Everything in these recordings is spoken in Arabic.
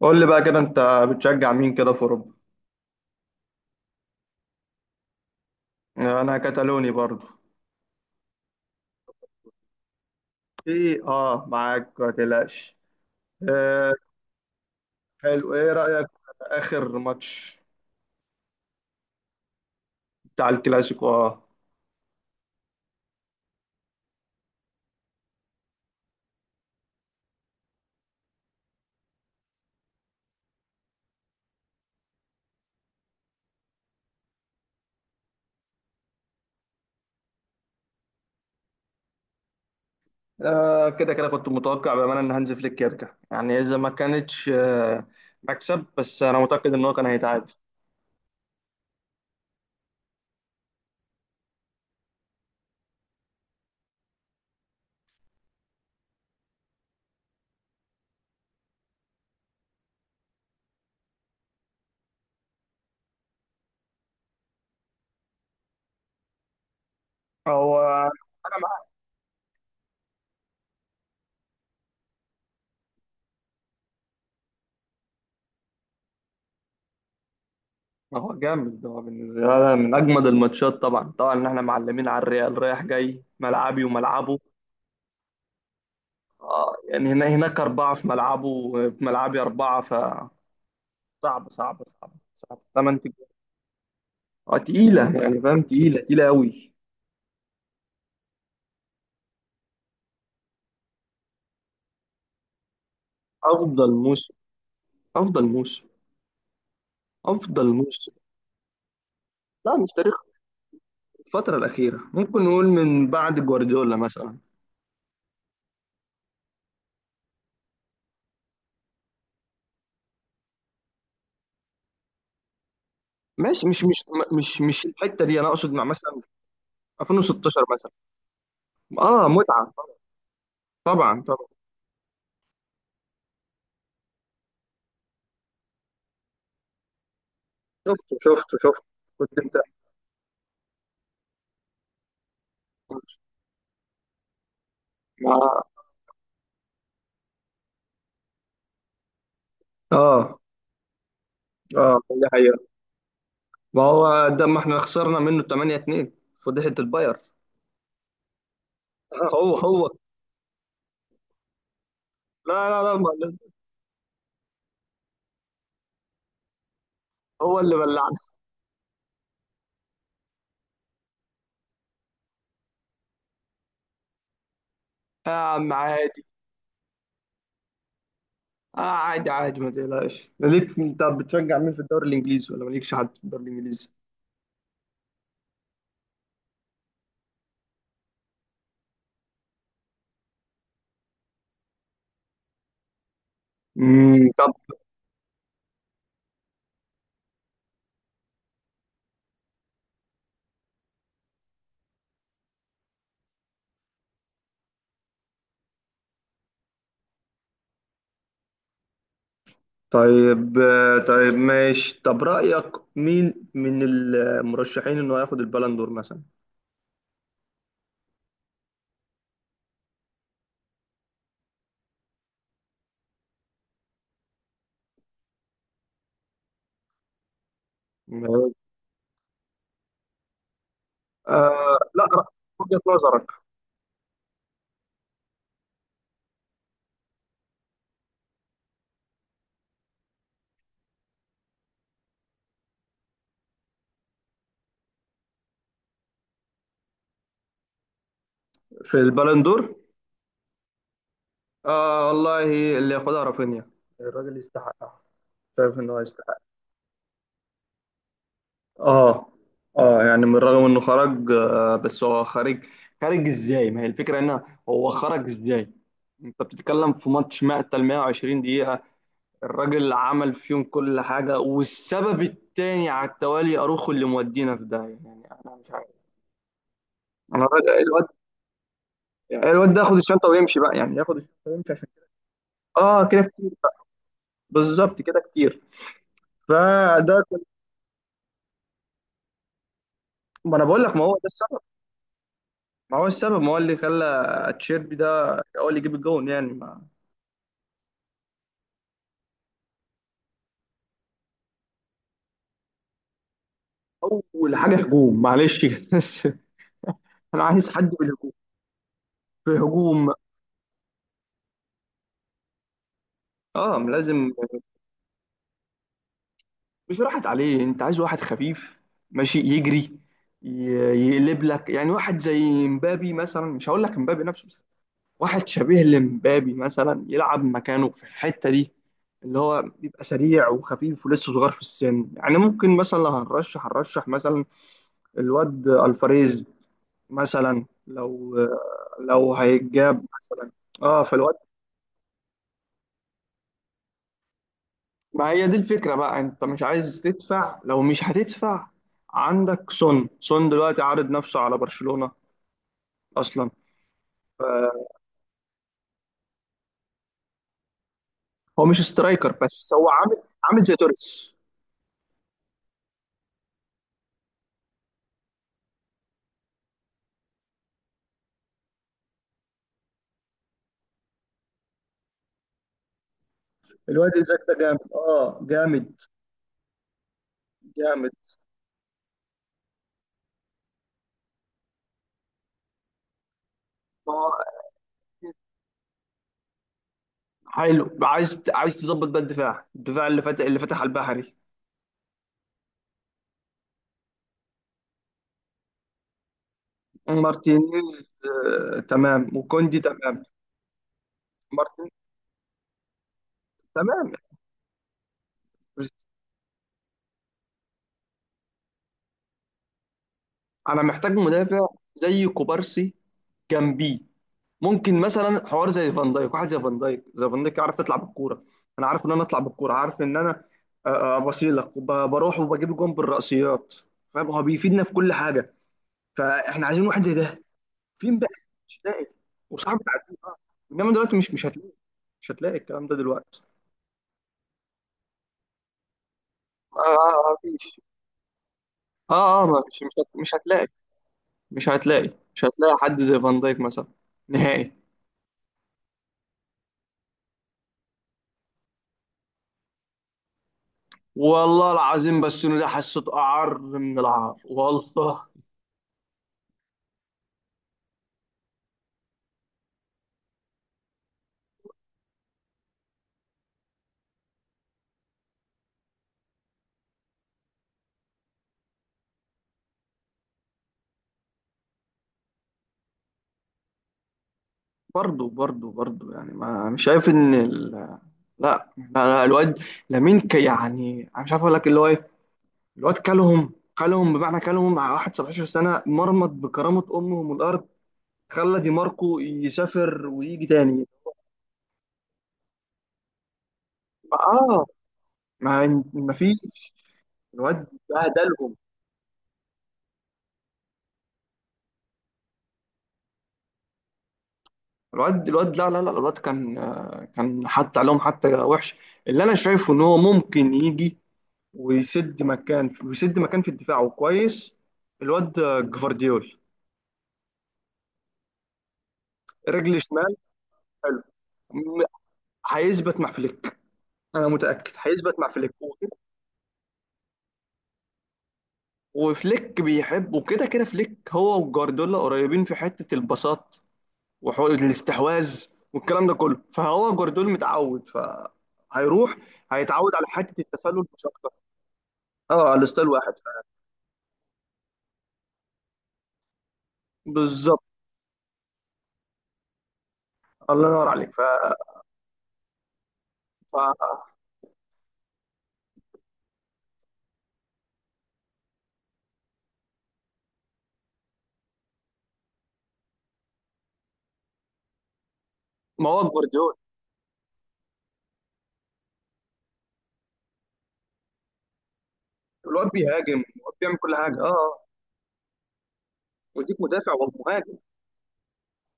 قول لي بقى كده انت بتشجع مين كده في اوروبا؟ انا كتالوني برضو. ايه اه معاك ما تقلقش. آه. حلو، ايه رايك في اخر ماتش بتاع الكلاسيكو؟ اه. آه، كده كنت متوقع بامانه ان هانز فليك يرجع، يعني اذا ما كانتش مكسب، بس انا متاكد ان هو كان هيتعادل. هو انا معاك. هو جامد، هو بالنسبه لي من اجمد الماتشات، طبعا طبعا ان احنا معلمين على الريال رايح جاي ملعبي وملعبه. اه يعني هنا هناك أربعة في ملعبه وفي ملعبي أربعة، صعب صعب صعب صعب تمن تجوان. اه تقيلة يعني فاهم، تقيلة تقيلة أوي. أفضل موسم، أفضل موسم، أفضل موسم. لا مش تاريخ. الفترة الأخيرة ممكن نقول من بعد جوارديولا مثلا. ماشي، مش الحتة دي، أنا أقصد مع مثلا 2016 مثلا. اه متعة. طبعا طبعا. شفته شفته شفته. كنت أنت مع. اه اه دي حقيقة. ما هو ده، ما احنا خسرنا منه 8-2، فضيحة الباير. هو لا لا لا، ما هو اللي بلعنا. يا عم عادي. آه عادي عادي، ما تقلقش. ليك انت بتشجع مين في الدوري الانجليزي، ولا مالكش حد في الدوري الانجليزي؟ طب. طيب طيب ماشي، طب رأيك مين من المرشحين انه هياخد البالندور مثلا؟ آه لا رأ- وجهة نظرك في البالندور؟ آه والله، اللي ياخدها رافينيا، الراجل يستحقها. شايف انه هيستحق. اه اه، يعني من رغم انه خرج بس هو خارج. خارج ازاي؟ ما هي الفكره ان هو خرج ازاي؟ انت بتتكلم في ماتش مقتل 120 دقيقه، الراجل عمل فيهم كل حاجه، والسبب التاني على التوالي اروخو اللي مودينا في ده، يعني انا مش عارف. انا الواد، الواد ده ياخد الشنطه ويمشي بقى، يعني ياخد الشنطه ويمشي عشان اه كده كتير. بالظبط كده كتير. فده. ما انا بقول لك، ما هو ده السبب، ما هو السبب، ما هو اللي خلى تشيربي ده هو اللي يجيب الجون يعني. اول حاجه هجوم معلش كده. بس انا عايز حد بالهجوم، في هجوم. اه لازم. مش راحت عليه، انت عايز واحد خفيف ماشي يجري، ي- يقلب لك، يعني واحد زي مبابي مثلا، مش هقول لك مبابي نفسه بس، واحد شبيه لمبابي مثلا يلعب مكانه في الحته دي، اللي هو بيبقى سريع وخفيف ولسه صغير في السن. يعني ممكن مثلا لو هنرشح مثلا الواد الفاريز مثلا، لو لو هيتجاب مثلا، اه فالواد. ما هي دي الفكرة بقى، انت مش عايز تدفع، لو مش هتدفع عندك سون، سون دلوقتي عارض نفسه على برشلونة اصلا. آه، هو مش سترايكر بس هو عامل زي توريس. الواد إيزاك ده جامد، اه جامد، جامد. ما هو حلو، عايز تظبط بقى الدفاع، اللي فتح، على البحري. مارتينيز. آه تمام، وكوندي تمام. مارتين. تمام. انا محتاج مدافع زي كوبارسي جنبيه، ممكن مثلا حوار زي فان دايك، واحد زي فان دايك، زي فان دايك عارف تطلع بالكوره. انا عارف ان انا اطلع بالكوره، عارف ان انا، بروح وبجيب جون بالرأسيات، فاهم، هو بيفيدنا في كل حاجه، فاحنا عايزين واحد زي ده. فين بقى؟ مش هتلاقي. وصعب تعديه اه. انما دلوقتي مش هتلاقي، مش هتلاقي الكلام ده دلوقتي. اه اه آه، مفيش. اه اه مفيش، مش هتلاقي، حد زي فان دايك مثلا، نهائي. والله العظيم، بس انه ده حسيته اعر من العار والله. برضه برضه برضه يعني، ما مش شايف ان لا لا لا، الواد يعني انا مش عارف اقول لك اللي هو ايه. الواد كلهم، كلهم بمعنى كلهم، مع واحد 17 سنه مرمط بكرامه امهم الارض، خلى دي ماركو يسافر ويجي تاني. اه، ما فيش، الواد بهدلهم. الواد لا لا لا، الواد كان، آه، كان حتى عليهم، حتى وحش. اللي انا شايفه ان هو ممكن يجي ويسد مكان، في الدفاع وكويس. الواد جفارديول رجل شمال. حلو. م- هيثبت مع فليك، انا متاكد هيثبت مع فليك وفليك بيحب، وكده كده فليك هو وجوارديولا قريبين في حته البساط وحقوق الاستحواذ، والكلام ده كله، فهو جوارديولا متعود، فهيروح هيتعود على حته التسلل مش اكتر. اه على الستايل واحد، بالظبط. الله ينور عليك. ف... ما هو جوارديولا، الواد بيهاجم، الواد بيعمل كل حاجه اه ويديك مدافع ومهاجم.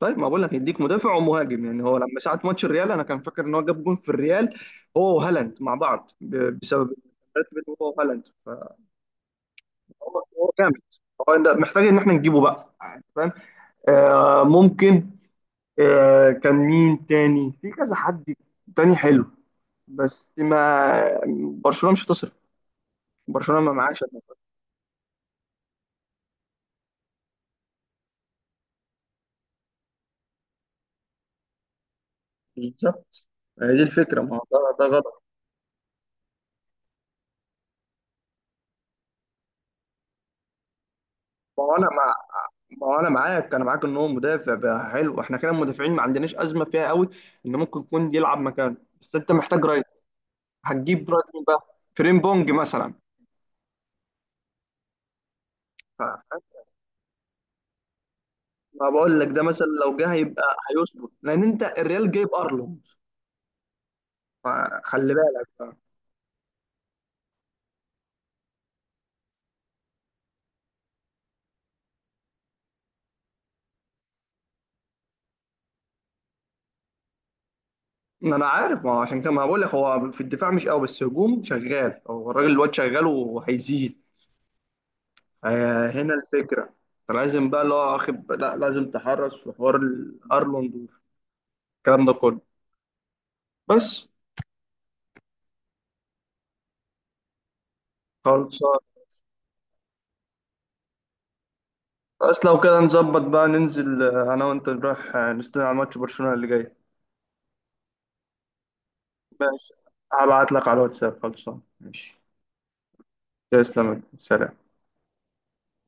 طيب، ما بقول لك يديك مدافع ومهاجم، يعني هو لما ساعه ماتش الريال انا كان فاكر ان هو جاب جون في الريال هو وهالاند مع بعض، بسبب الفرق بينه هو وهالاند، فهو هو جامد. هو ده محتاج ان احنا نجيبه بقى يعني فاهم. آه ممكن. آه كان مين تاني في كذا حد تاني حلو، بس ما برشلونه مش هتصرف، برشلونه ما معاش. بالظبط، هي دي الفكره، ما هو ده غلط. ما هو انا، ما هو انا معاك، انا معاك ان هو مدافع بقى، حلو احنا كده المدافعين ما عندناش ازمه فيها قوي، ان ممكن يكون يلعب مكانه، بس انت محتاج رايت. هتجيب رايت مين بقى، فريم بونج مثلا؟ ف- ما بقول لك، ده مثلا لو جه هيبقى هيظبط، لان انت الريال جايب ارنولد، فخلي بالك بقى. ما انا عارف، ما هو عشان كده ما بقول لك، هو في الدفاع مش قوي، بس هجوم شغال، هو الراجل الواد شغال وهيزيد. آه، هنا الفكره، لازم بقى اللي هو واخد، لا لازم تحرص في حوار الارنولد والكلام ده كله، بس. خلصان. بس لو كده نظبط بقى ننزل، انا وانت نروح نستنى على ماتش برشلونة اللي جاي. ماشي، هبعت لك على الواتساب، خلصان، ماشي. تسلم، سلام.